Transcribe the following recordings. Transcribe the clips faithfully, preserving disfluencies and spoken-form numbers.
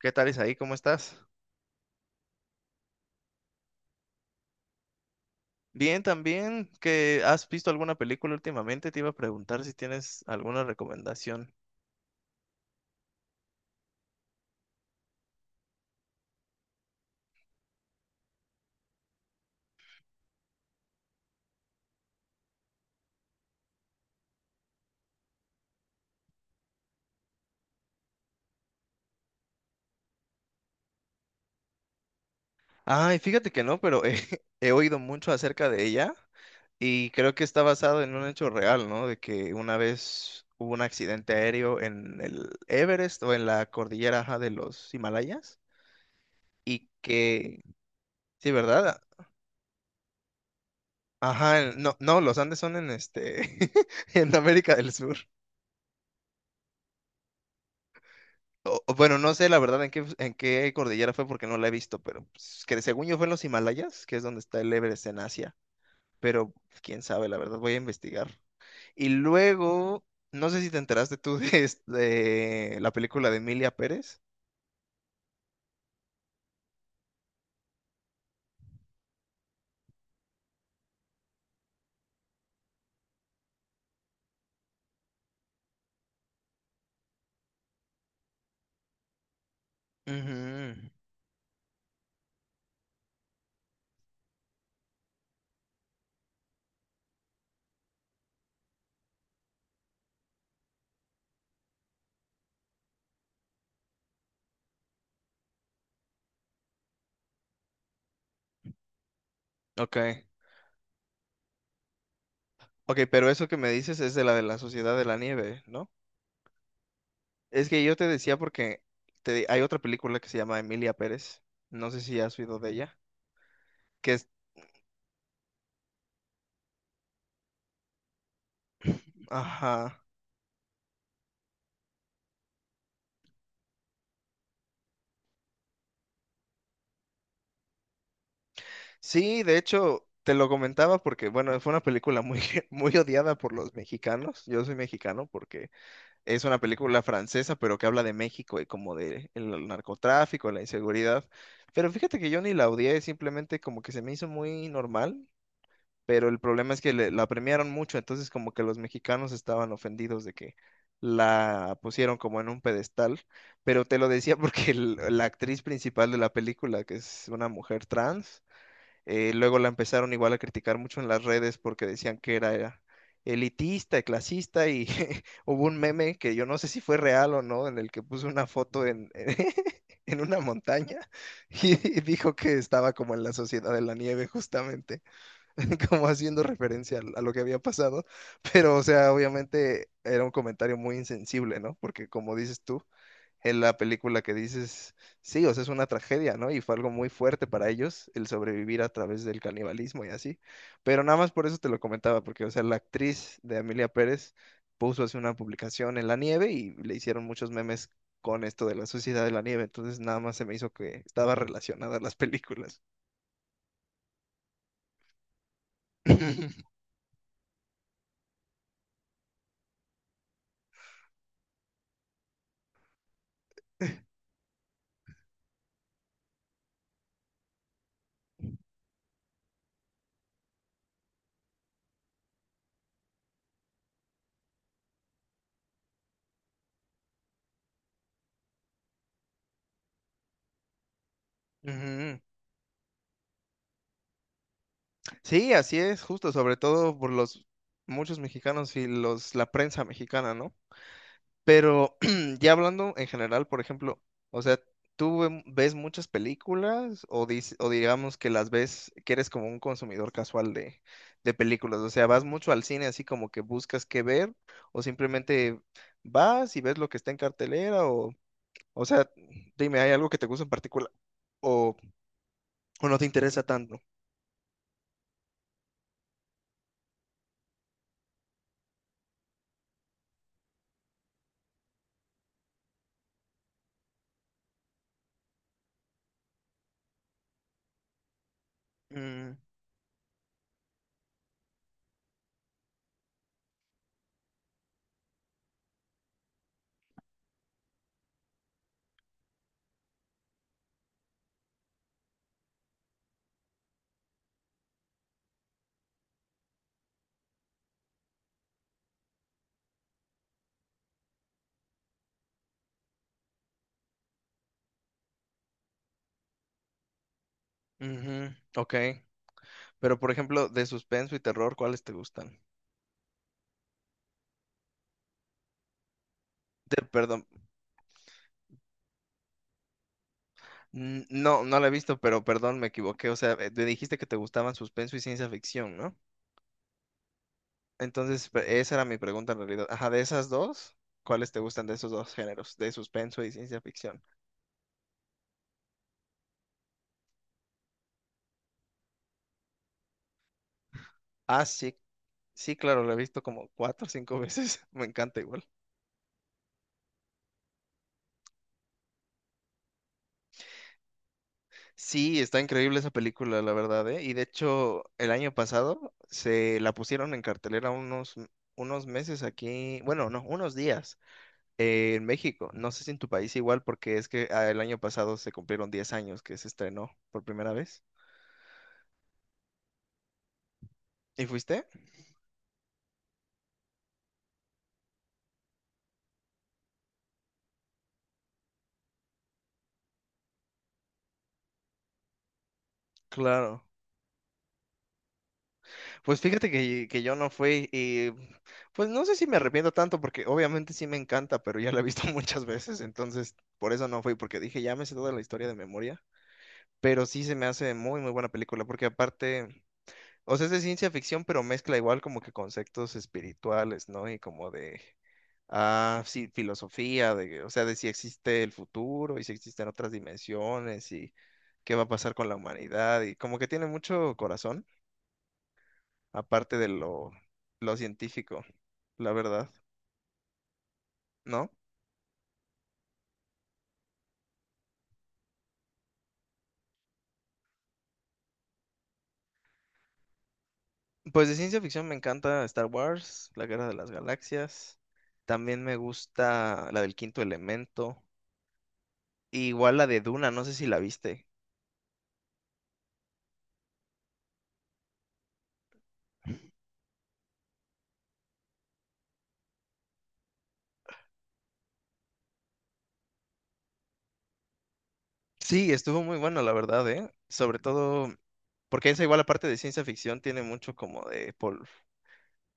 ¿Qué tal, Isaí? ¿Cómo estás? Bien, también. ¿Que has visto alguna película últimamente? Te iba a preguntar si tienes alguna recomendación. Ay, fíjate que no, pero he, he oído mucho acerca de ella y creo que está basado en un hecho real, ¿no? De que una vez hubo un accidente aéreo en el Everest o en la cordillera, ajá, de los Himalayas y que, sí, ¿verdad? Ajá, en- no, no, los Andes son en este, en América del Sur. O- o bueno, no sé la verdad en qué, en qué cordillera fue porque no la he visto, pero pues, que según yo fue en los Himalayas, que es donde está el Everest en Asia, pero pues, quién sabe, la verdad, voy a investigar. Y luego, no sé si te enteraste tú de, es- de la película de Emilia Pérez. Ujú. Ok, ok, pero eso que me dices es de la de la Sociedad de la Nieve, ¿no? Es que yo te decía porque te- hay otra película que se llama Emilia Pérez, no sé si has oído de ella, que es, ajá. Sí, de hecho, te lo comentaba porque, bueno, fue una película muy, muy odiada por los mexicanos. Yo soy mexicano porque es una película francesa, pero que habla de México y como de el narcotráfico, la inseguridad. Pero fíjate que yo ni la odié, simplemente como que se me hizo muy normal, pero el problema es que le- la premiaron mucho, entonces como que los mexicanos estaban ofendidos de que la pusieron como en un pedestal. Pero te lo decía porque el- la actriz principal de la película, que es una mujer trans, eh, luego la empezaron igual a criticar mucho en las redes porque decían que era, era elitista, clasista y hubo un meme que yo no sé si fue real o no, en el que puso una foto en, en una montaña y y dijo que estaba como en la Sociedad de la Nieve justamente. Como haciendo referencia al- a lo que había pasado, pero o sea, obviamente era un comentario muy insensible, ¿no? Porque como dices tú, en la película que dices, sí, o sea, es una tragedia, ¿no? Y fue algo muy fuerte para ellos el sobrevivir a través del canibalismo y así. Pero nada más por eso te lo comentaba, porque, o sea, la actriz de Amelia Pérez puso así una publicación en la nieve y le hicieron muchos memes con esto de la sociedad de la nieve, entonces nada más se me hizo que estaba relacionada a las películas. Ujú. Sí, así es, justo, sobre todo por los muchos mexicanos y los la prensa mexicana, ¿no? Pero ya hablando en general, por ejemplo, o sea, ¿tú ve- ¿ves muchas películas o, dis- o digamos que las ves, que eres como un consumidor casual de, de películas? O sea, ¿vas mucho al cine así como que buscas qué ver o simplemente vas y ves lo que está en cartelera o, o sea, dime, ¿hay algo que te gusta en particular o, o no te interesa tanto? Mm, ujú, ok. Pero, por ejemplo, de suspenso y terror, ¿cuáles te gustan? De- perdón, n- no, no la he visto, pero perdón, me equivoqué. O sea, eh, te dijiste que te gustaban suspenso y ciencia ficción, ¿no? Entonces, pe- esa era mi pregunta en realidad. Ajá, de esas dos, ¿cuáles te gustan de esos dos géneros, de suspenso y ciencia ficción? Ah, sí, sí, claro, la he visto como cuatro o cinco veces. Me encanta igual. Sí, está increíble esa película, la verdad, ¿eh? Y de hecho, el año pasado se la pusieron en cartelera unos, unos meses aquí, bueno, no, unos días eh, en México. No sé si en tu país igual, porque es que ah, el año pasado se cumplieron diez años que se estrenó por primera vez. ¿Y fuiste? Claro. Pues fíjate que, que yo no fui y pues no sé si me arrepiento tanto porque obviamente sí me encanta, pero ya la he visto muchas veces, entonces por eso no fui porque dije, ya me sé toda la historia de memoria, pero sí se me hace muy muy buena película porque aparte, o sea, es de ciencia ficción, pero mezcla igual como que conceptos espirituales, ¿no? Y como de, ah, sí, filosofía, de, o sea, de si existe el futuro y si existen otras dimensiones y qué va a pasar con la humanidad. Y como que tiene mucho corazón, aparte de lo, lo científico, la verdad, ¿no? Pues de ciencia ficción me encanta Star Wars, La Guerra de las Galaxias. También me gusta la del Quinto Elemento. Y igual la de Duna, no sé si la viste. Sí, estuvo muy bueno, la verdad, ¿eh? Sobre todo porque esa igual la parte de ciencia ficción tiene mucho como de pol-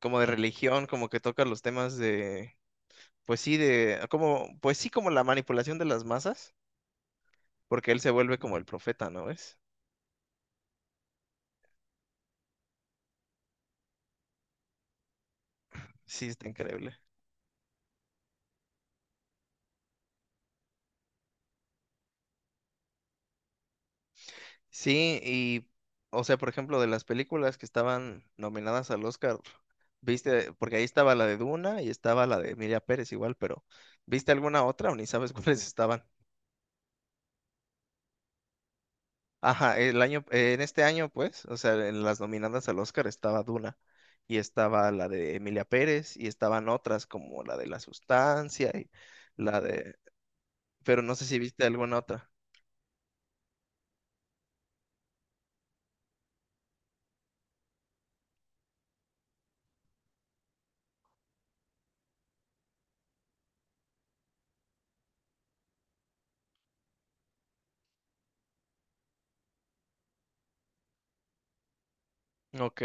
como de religión, como que toca los temas de, pues sí, de como, pues sí, como la manipulación de las masas, porque él se vuelve como el profeta, ¿no ves? Sí, está increíble. Sí, y o sea, por ejemplo, de las películas que estaban nominadas al Oscar, ¿viste? Porque ahí estaba la de Duna y estaba la de Emilia Pérez igual, pero ¿viste alguna otra o ni sabes cuáles estaban? Ajá, el año, eh, en este año, pues, o sea, en las nominadas al Oscar estaba Duna y estaba la de Emilia Pérez y estaban otras como la de La Sustancia y la de, pero no sé si viste alguna otra. Ok.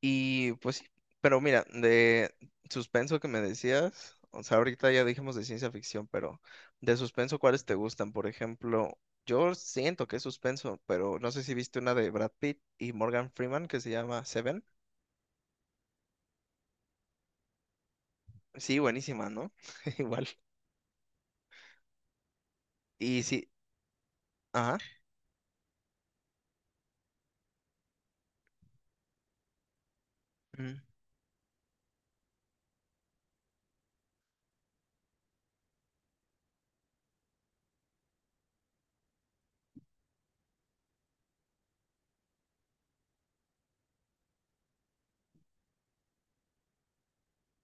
Y pues sí, pero mira, de suspenso que me decías, o sea, ahorita ya dijimos de ciencia ficción, pero de suspenso, ¿cuáles te gustan? Por ejemplo, yo siento que es suspenso, pero no sé si viste una de Brad Pitt y Morgan Freeman que se llama Seven. Sí, buenísima, ¿no? Igual. Y sí, ajá, mm,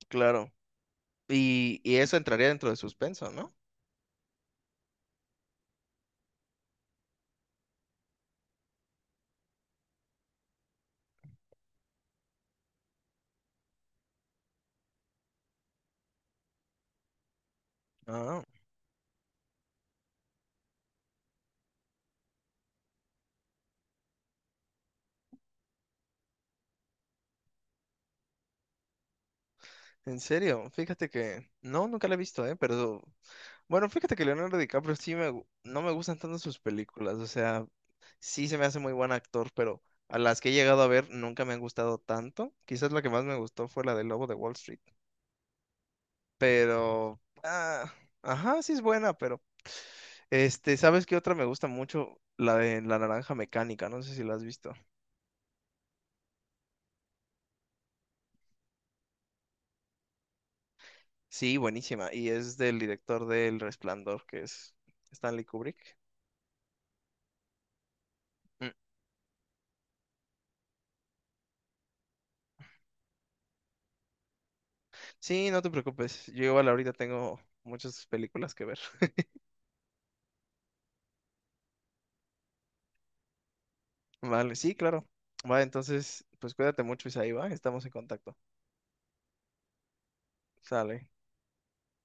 claro. Y, y eso entraría dentro de suspenso, ¿no? Ah, en serio, fíjate que... No, nunca la he visto, ¿eh? Pero... Bueno, fíjate que Leonardo DiCaprio sí me... gu- no me gustan tanto sus películas, o sea, sí se me hace muy buen actor, pero a las que he llegado a ver nunca me han gustado tanto. Quizás la que más me gustó fue la de Lobo de Wall Street, pero... ah, ajá, sí es buena, pero... Este, ¿sabes qué otra me gusta mucho? La de La Naranja Mecánica, no sé si la has visto. Sí, buenísima. Y es del director del Resplandor, que es Stanley Kubrick. Mm. Sí, no te preocupes. Yo igual ahorita tengo muchas películas que ver. Vale, sí, claro. Vale, entonces, pues cuídate mucho, Isaí, va. Estamos en contacto. Sale.